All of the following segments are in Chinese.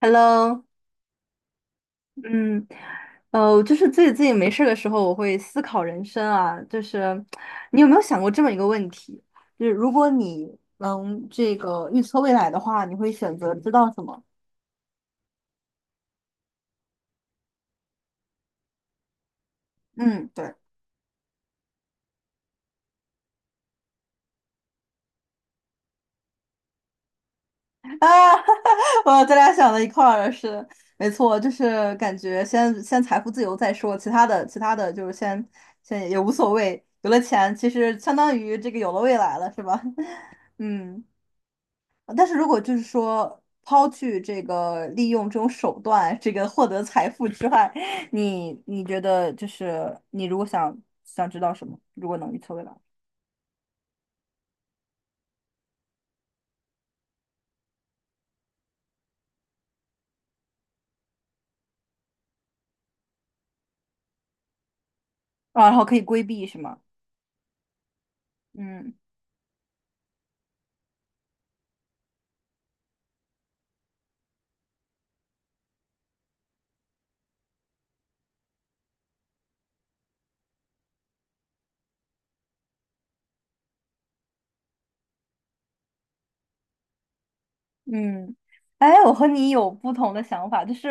Hello，嗯，就是自己没事儿的时候，我会思考人生啊。你有没有想过这么一个问题？就是如果你能这个预测未来的话，你会选择知道什么？嗯，对啊，我咱俩想到一块儿了，是的，没错，就是感觉先财富自由再说，其他的就是先也无所谓，有了钱其实相当于这个有了未来了，是吧？嗯。但是如果就是说抛去这个利用这种手段，这个获得财富之外，你觉得就是你如果想知道什么，如果能预测未来，啊，然后可以规避是吗？嗯。嗯，哎，我和你有不同的想法，就是，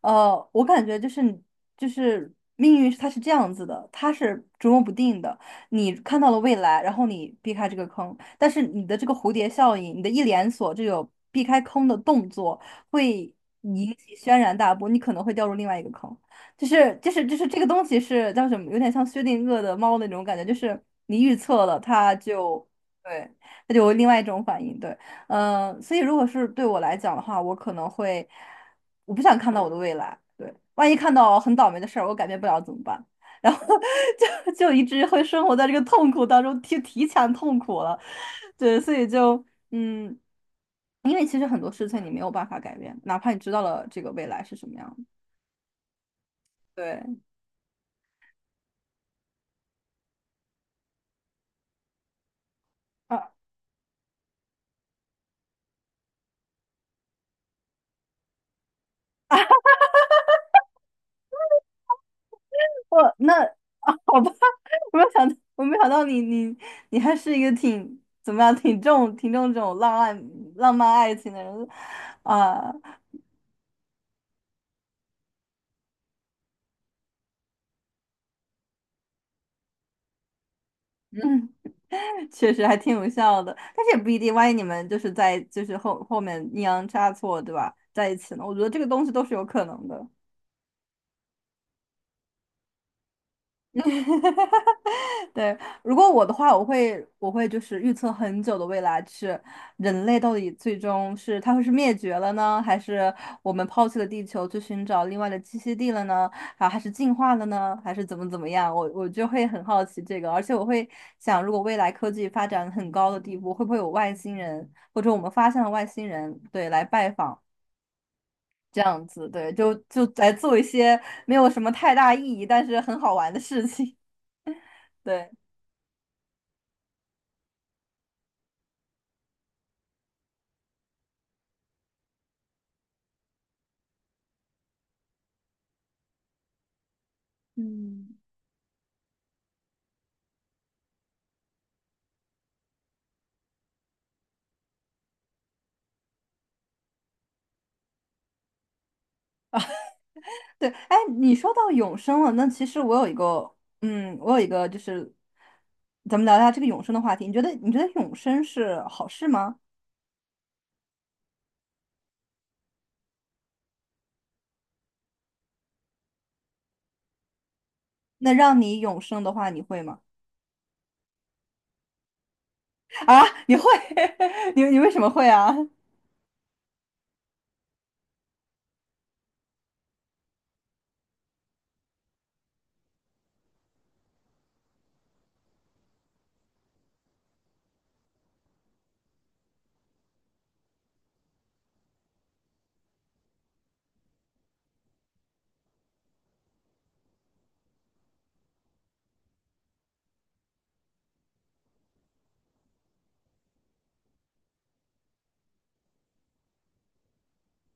呃，我感觉就是命运它是这样子的，它是捉摸不定的。你看到了未来，然后你避开这个坑，但是你的这个蝴蝶效应，你的一连锁这个避开坑的动作，会引起轩然大波，你可能会掉入另外一个坑。就是这个东西是叫什么？有点像薛定谔的猫那种感觉，就是你预测了，它就对，它就有另外一种反应，对。嗯，呃所以如果是对我来讲的话，我可能会，我不想看到我的未来。对，万一看到很倒霉的事儿，我改变不了怎么办？然后 就一直会生活在这个痛苦当中，提前痛苦了。对，所以就嗯，因为其实很多事情你没有办法改变，哪怕你知道了这个未来是什么样的。对，我那啊，好吧，我没有想到，我没有想到你，你你还是一个挺怎么样，挺重这种浪漫爱情的人啊，确实还挺有效的。但是也不一定，万一你们就是后面阴阳差错，对吧，在一起呢，我觉得这个东西都是有可能的。对，如果我的话，我会就是预测很久的未来，是人类到底最终是它会是灭绝了呢，还是我们抛弃了地球去寻找另外的栖息地了呢？啊，还是进化了呢？还是怎么样？我就会很好奇这个，而且我会想，如果未来科技发展很高的地步，会不会有外星人，或者我们发现了外星人，对，来拜访这样子，对，就来做一些没有什么太大意义，但是很好玩的事情，对。嗯，对，哎，你说到永生了，那其实我有一个，嗯，我有一个就是，咱们聊一下这个永生的话题。你觉得永生是好事吗？那让你永生的话，你会吗？啊，你会？你为什么会啊？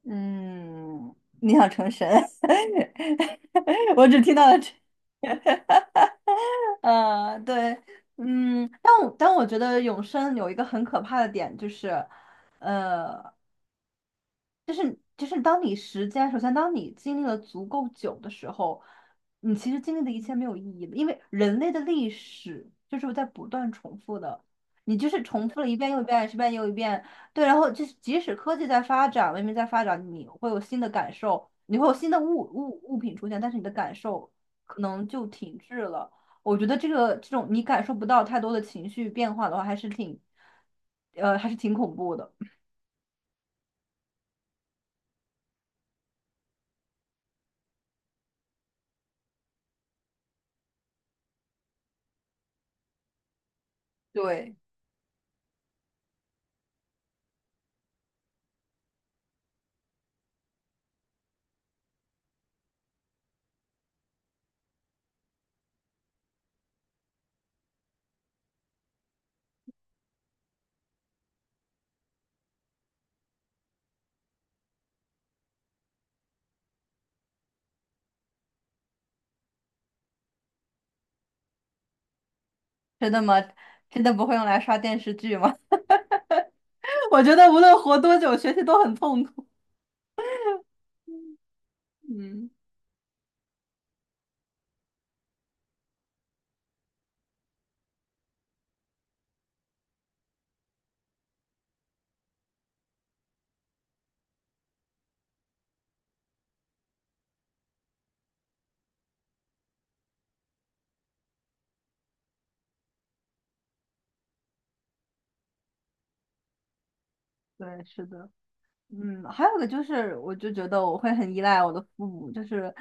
嗯，你想成神？我只听到了这，呃，对，嗯，但我觉得永生有一个很可怕的点，就是。就是当你时间，首先当你经历了足够久的时候，你其实经历的一切没有意义了，因为人类的历史就是在不断重复的，你就是重复了一遍又一遍，一遍又一遍，对，然后就是即使科技在发展，文明在发展，你会有新的感受，你会有新的物品出现，但是你的感受可能就停滞了。我觉得这种你感受不到太多的情绪变化的话，还是挺，呃，还是挺恐怖的。对。真的吗？真的不会用来刷电视剧吗？我觉得无论活多久，学习都很痛苦。嗯，对，是的。嗯，还有个就是，我就觉得我会很依赖我的父母，就是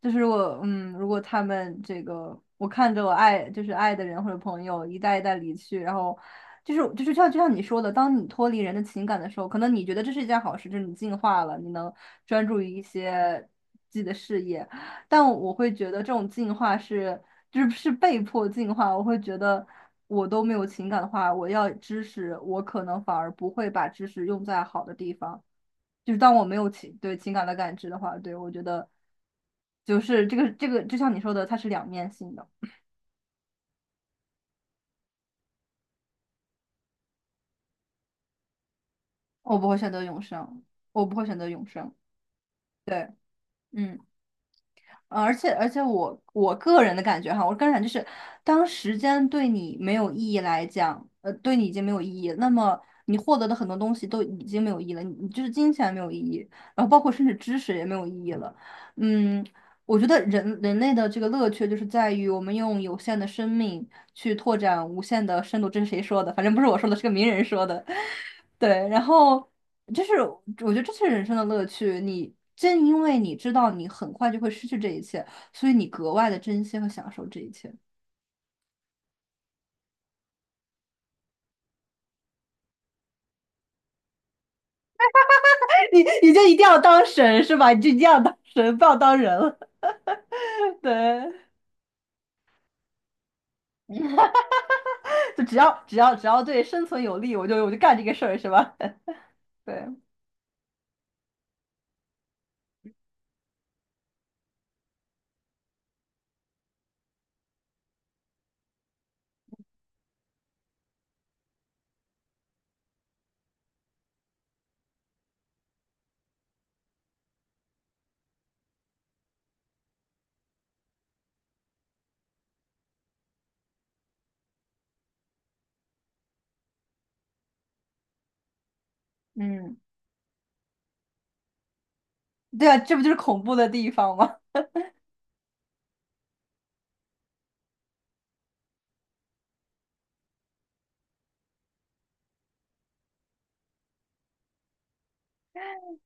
就是我，嗯，如果他们这个，我看着我爱的人或者朋友一代一代离去，然后就是就是像就像你说的，当你脱离人的情感的时候，可能你觉得这是一件好事，就是你进化了，你能专注于一些自己的事业，但我会觉得这种进化是被迫进化，我会觉得。我都没有情感的话，我要知识，我可能反而不会把知识用在好的地方。就是当我没有情感的感知的话，对我觉得就是这个，就像你说的，它是两面性的。我不会选择永生，我不会选择永生。对，嗯。呃而且我个人的感觉哈，我个人感觉就是，当时间对你没有意义来讲，呃，对你已经没有意义，那么你获得的很多东西都已经没有意义了，你就是金钱没有意义，然后包括甚至知识也没有意义了。嗯，我觉得人类的这个乐趣就是在于我们用有限的生命去拓展无限的深度，这是谁说的？反正不是我说的，是个名人说的。对，然后。就是我觉得这是人生的乐趣。你正因为你知道你很快就会失去这一切，所以你格外的珍惜和享受这一切。你就一定要当神是吧？你就一定要当神，不要当人了。对，就只要只要只要对生存有利，我就干这个事儿是吧？对，嗯，对啊，这不就是恐怖的地方吗？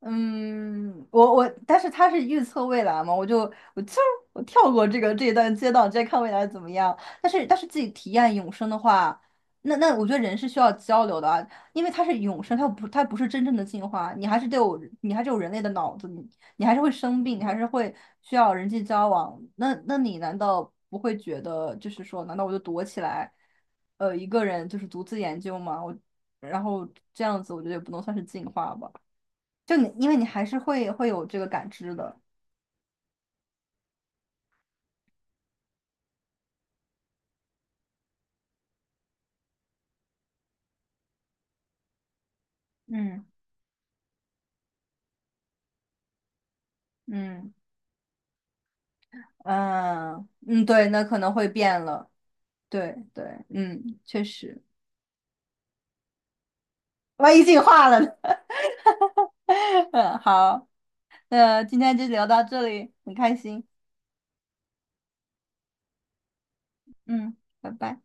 嗯，我，但是他是预测未来嘛，我就我跳过这个这一段街道，直接看未来怎么样。但是自己体验永生的话，那我觉得人是需要交流的啊，因为它是永生，它不是真正的进化，你还是得有你还是有人类的脑子，你你还是会生病，你还是会需要人际交往。那你难道不会觉得就是说，难道我就躲起来，呃，一个人就是独自研究吗？我然后这样子，我觉得也不能算是进化吧。就你，因为你还是会有这个感知的。嗯嗯嗯，对，那可能会变了。对对，嗯，确实，万一进化了呢？嗯，好，那今天就聊到这里，很开心。嗯，拜拜。